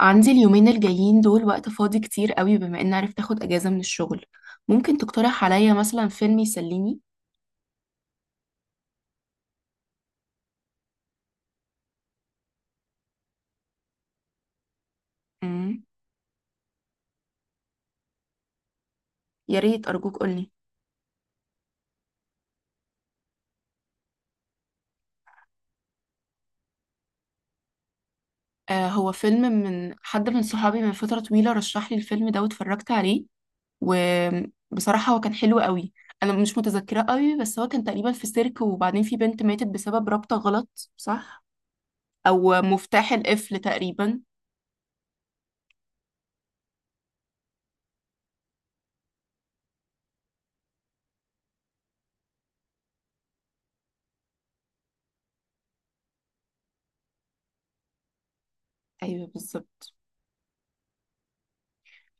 عندي اليومين الجايين دول وقت فاضي كتير قوي بما اني عرفت اخد اجازة من الشغل. ممكن تقترح عليا مثلا فيلم يسليني؟ امم. يا ريت ارجوك قولي. آه، هو فيلم من حد من صحابي من فترة طويلة رشح لي الفيلم ده واتفرجت عليه، وبصراحة هو كان حلو قوي. انا مش متذكرة قوي بس هو كان تقريبا في سيرك، وبعدين في بنت ماتت بسبب رابطة غلط، صح؟ او مفتاح القفل تقريبا. ايوه بالظبط.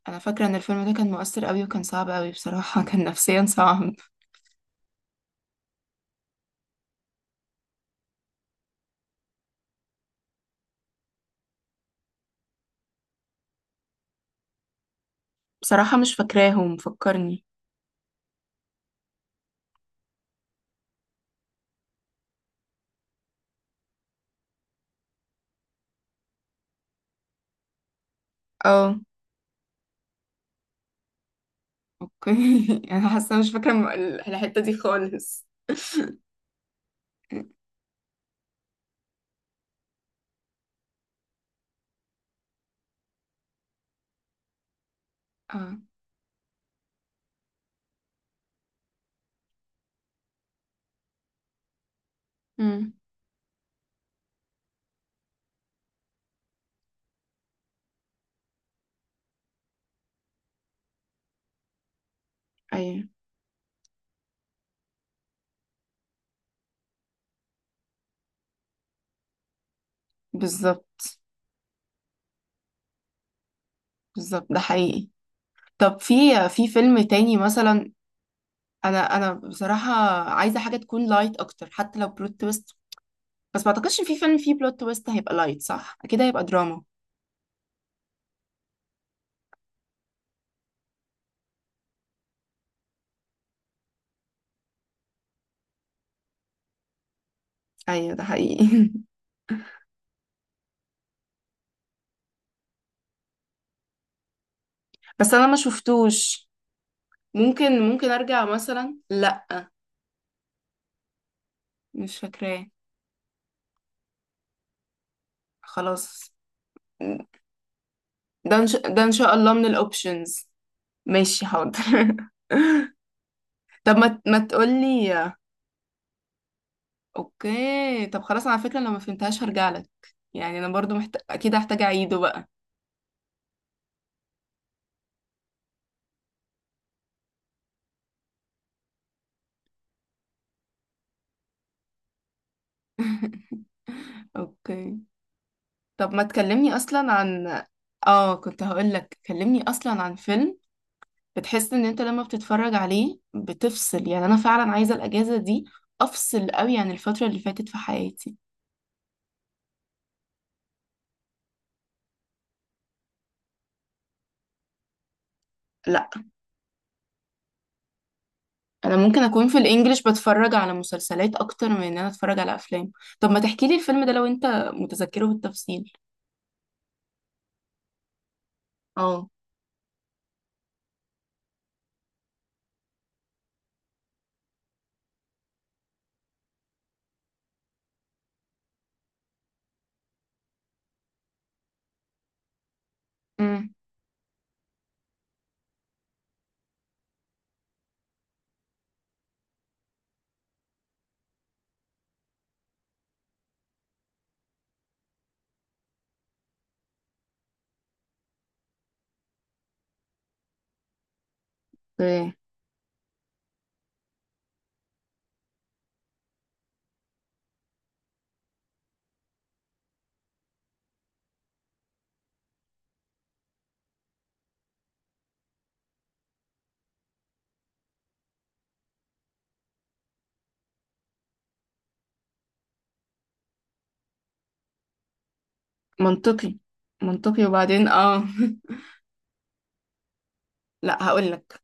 انا فاكره ان الفيلم ده كان مؤثر قوي وكان صعب قوي، بصراحه كان نفسيا صعب. بصراحة مش فاكراهم، فكرني. اه. اوكي. انا حاسه مش فاكره الحته دي خالص. اه. امم. ايوه بالظبط. بالظبط ده حقيقي. طب في فيلم تاني مثلا. انا بصراحه عايزه حاجه تكون لايت اكتر حتى لو بلوت تويست، بس ما اعتقدش في فيلم فيه بلوت تويست هيبقى لايت، صح؟ اكيد هيبقى دراما. ايوه ده حقيقي. بس انا ما شفتوش. ممكن ارجع مثلا، لا. مش فاكراه. خلاص. ده ان شاء الله من الاوبشنز. ماشي حاضر. طب ما تقولي. اوكي طب خلاص، على فكرة لو ما فهمتهاش هرجع لك. يعني انا برضو اكيد هحتاج اعيده بقى. اوكي طب ما تكلمني اصلا عن. اه كنت هقول لك كلمني اصلا عن فيلم بتحس ان انت لما بتتفرج عليه بتفصل، يعني انا فعلا عايزة الاجازة دي افصل قوي عن الفترة اللي فاتت في حياتي. لا، انا ممكن اكون في الانجليش بتفرج على مسلسلات اكتر من ان انا اتفرج على افلام. طب ما تحكي لي الفيلم ده لو انت متذكره بالتفصيل. اه. امم. إيه. منطقي. منطقي، وبعدين اه. لا هقول لك.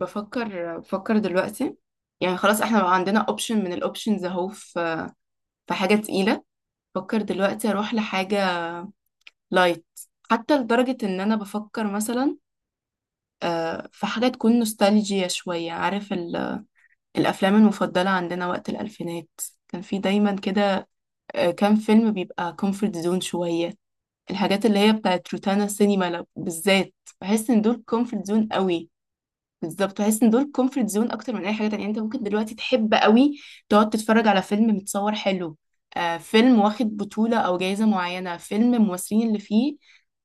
بفكر دلوقتي، يعني خلاص احنا بقى عندنا اوبشن من الاوبشنز اهو، في في حاجه تقيله. بفكر دلوقتي اروح لحاجه لايت، حتى لدرجه ان انا بفكر مثلا في حاجه تكون نوستالجيا شويه، عارف؟ الأفلام المفضلة عندنا وقت الألفينات كان في دايما كده. كام فيلم بيبقى كومفورت زون شوية، الحاجات اللي هي بتاعت روتانا سينما بالذات، بحس إن دول كومفورت زون قوي. بالظبط بحس إن دول كومفورت زون أكتر من أي حاجة تانية. يعني أنت ممكن دلوقتي تحب قوي تقعد تتفرج على فيلم متصور حلو، فيلم واخد بطولة أو جايزة معينة، فيلم الممثلين اللي فيه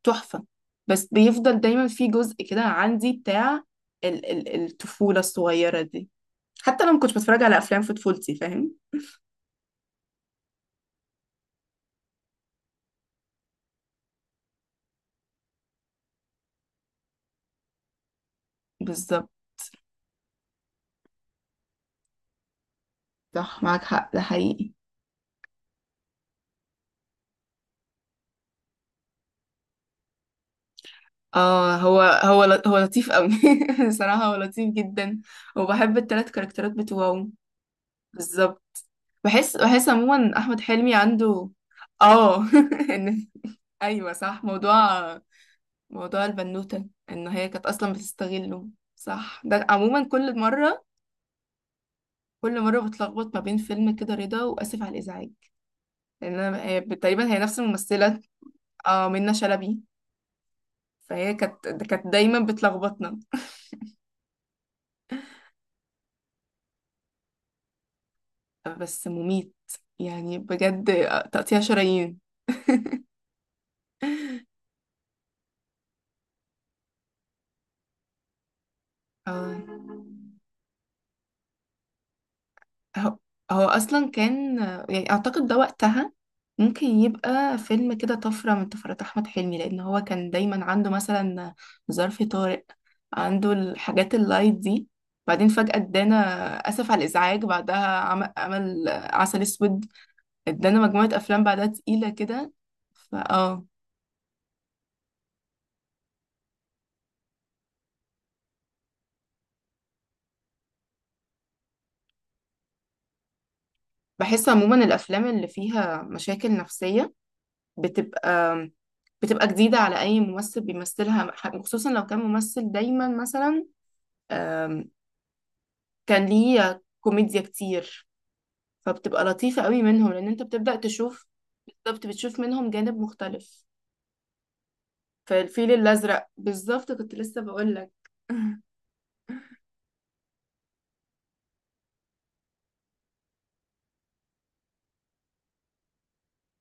تحفة، بس بيفضل دايما في جزء كده عندي بتاع الطفولة الصغيرة دي، حتى لو ما كنتش بتفرج على افلام في طفولتي، فاهم؟ بالظبط، صح معاك حق، ده حقيقي. اه هو لطيف قوي. بصراحة هو لطيف جدا، وبحب التلات كاركترات بتوعه. بالظبط، بحس عموما احمد حلمي عنده. اه. ان ايوه صح، موضوع البنوتة ان هي كانت اصلا بتستغله، صح. ده عموما كل مرة بتلخبط ما بين فيلم كده رضا واسف على الازعاج، لان تقريبا هي نفس الممثلة. اه منة شلبي. فهي كانت دايما بتلخبطنا. بس مميت، يعني بجد تقطيع شرايين. اه هو هو اصلا كان، يعني اعتقد ده وقتها ممكن يبقى فيلم كده طفرة من طفرات احمد حلمي، لان هو كان دايما عنده مثلا ظرف طارق، عنده الحاجات اللايت دي، بعدين فجأة ادانا اسف على الازعاج، بعدها عمل عسل اسود، ادانا مجموعة افلام بعدها تقيلة كده. فاه بحس عموما الافلام اللي فيها مشاكل نفسيه بتبقى بتبقى جديده على اي ممثل بيمثلها، خصوصا لو كان ممثل دايما مثلا آم، كان ليه كوميديا كتير، فبتبقى لطيفه قوي منهم لان انت بتبدا تشوف، بالظبط بتشوف منهم جانب مختلف. فالفيل الازرق، بالظبط كنت لسه بقول لك.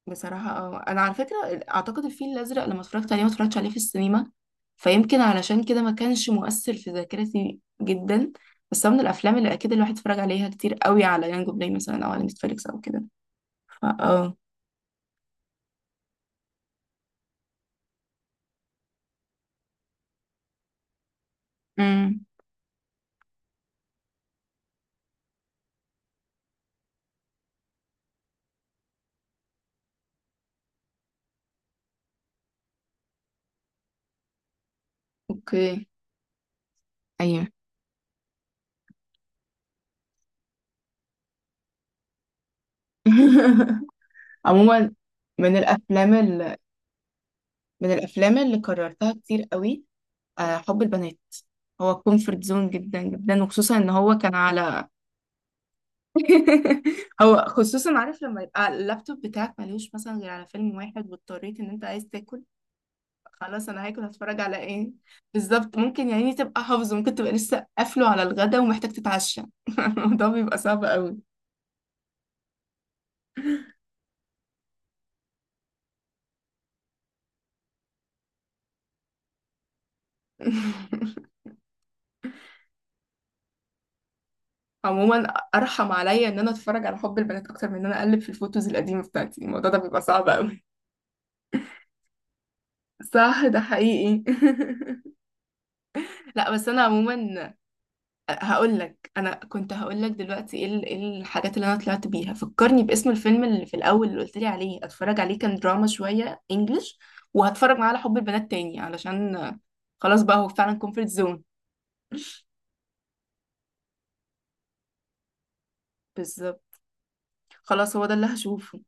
بصراحة انا على فكرة اعتقد الفيل الازرق لما اتفرجت عليه ما اتفرجتش عليه في السينما، فيمكن علشان كده ما كانش مؤثر في ذاكرتي جدا. بس هو من الافلام اللي اكيد الواحد اتفرج عليها كتير قوي على يانجو بلاي مثلا او على نتفليكس او كده. فا. اه. امم. اوكي. ايوه. عموما من الافلام من الافلام اللي كررتها كتير قوي، حب البنات. هو كومفورت زون جدا جدا، وخصوصا ان هو كان على. هو خصوصا، عارف لما يبقى اللابتوب بتاعك ملهوش مثلا غير على فيلم واحد، واضطريت ان انت عايز تاكل، خلاص انا هاكل هتفرج على ايه؟ بالظبط، ممكن يعني تبقى حافظه، ممكن تبقى لسه قافله على الغدا ومحتاج تتعشى. الموضوع بيبقى صعب قوي. عموما ارحم عليا ان انا اتفرج على حب البنات اكتر من ان انا اقلب في الفوتوز القديمه بتاعتي، الموضوع ده بيبقى صعب قوي. صح ده حقيقي. لا بس انا عموما هقول لك، انا كنت هقول لك دلوقتي ايه إيه الحاجات اللي انا طلعت بيها، فكرني باسم الفيلم اللي في الاول اللي قلت لي عليه اتفرج عليه، كان دراما شويه انجلش، وهتفرج معاه على حب البنات تاني علشان خلاص بقى هو فعلا كومفورت زون. بالظبط، خلاص هو ده اللي هشوفه.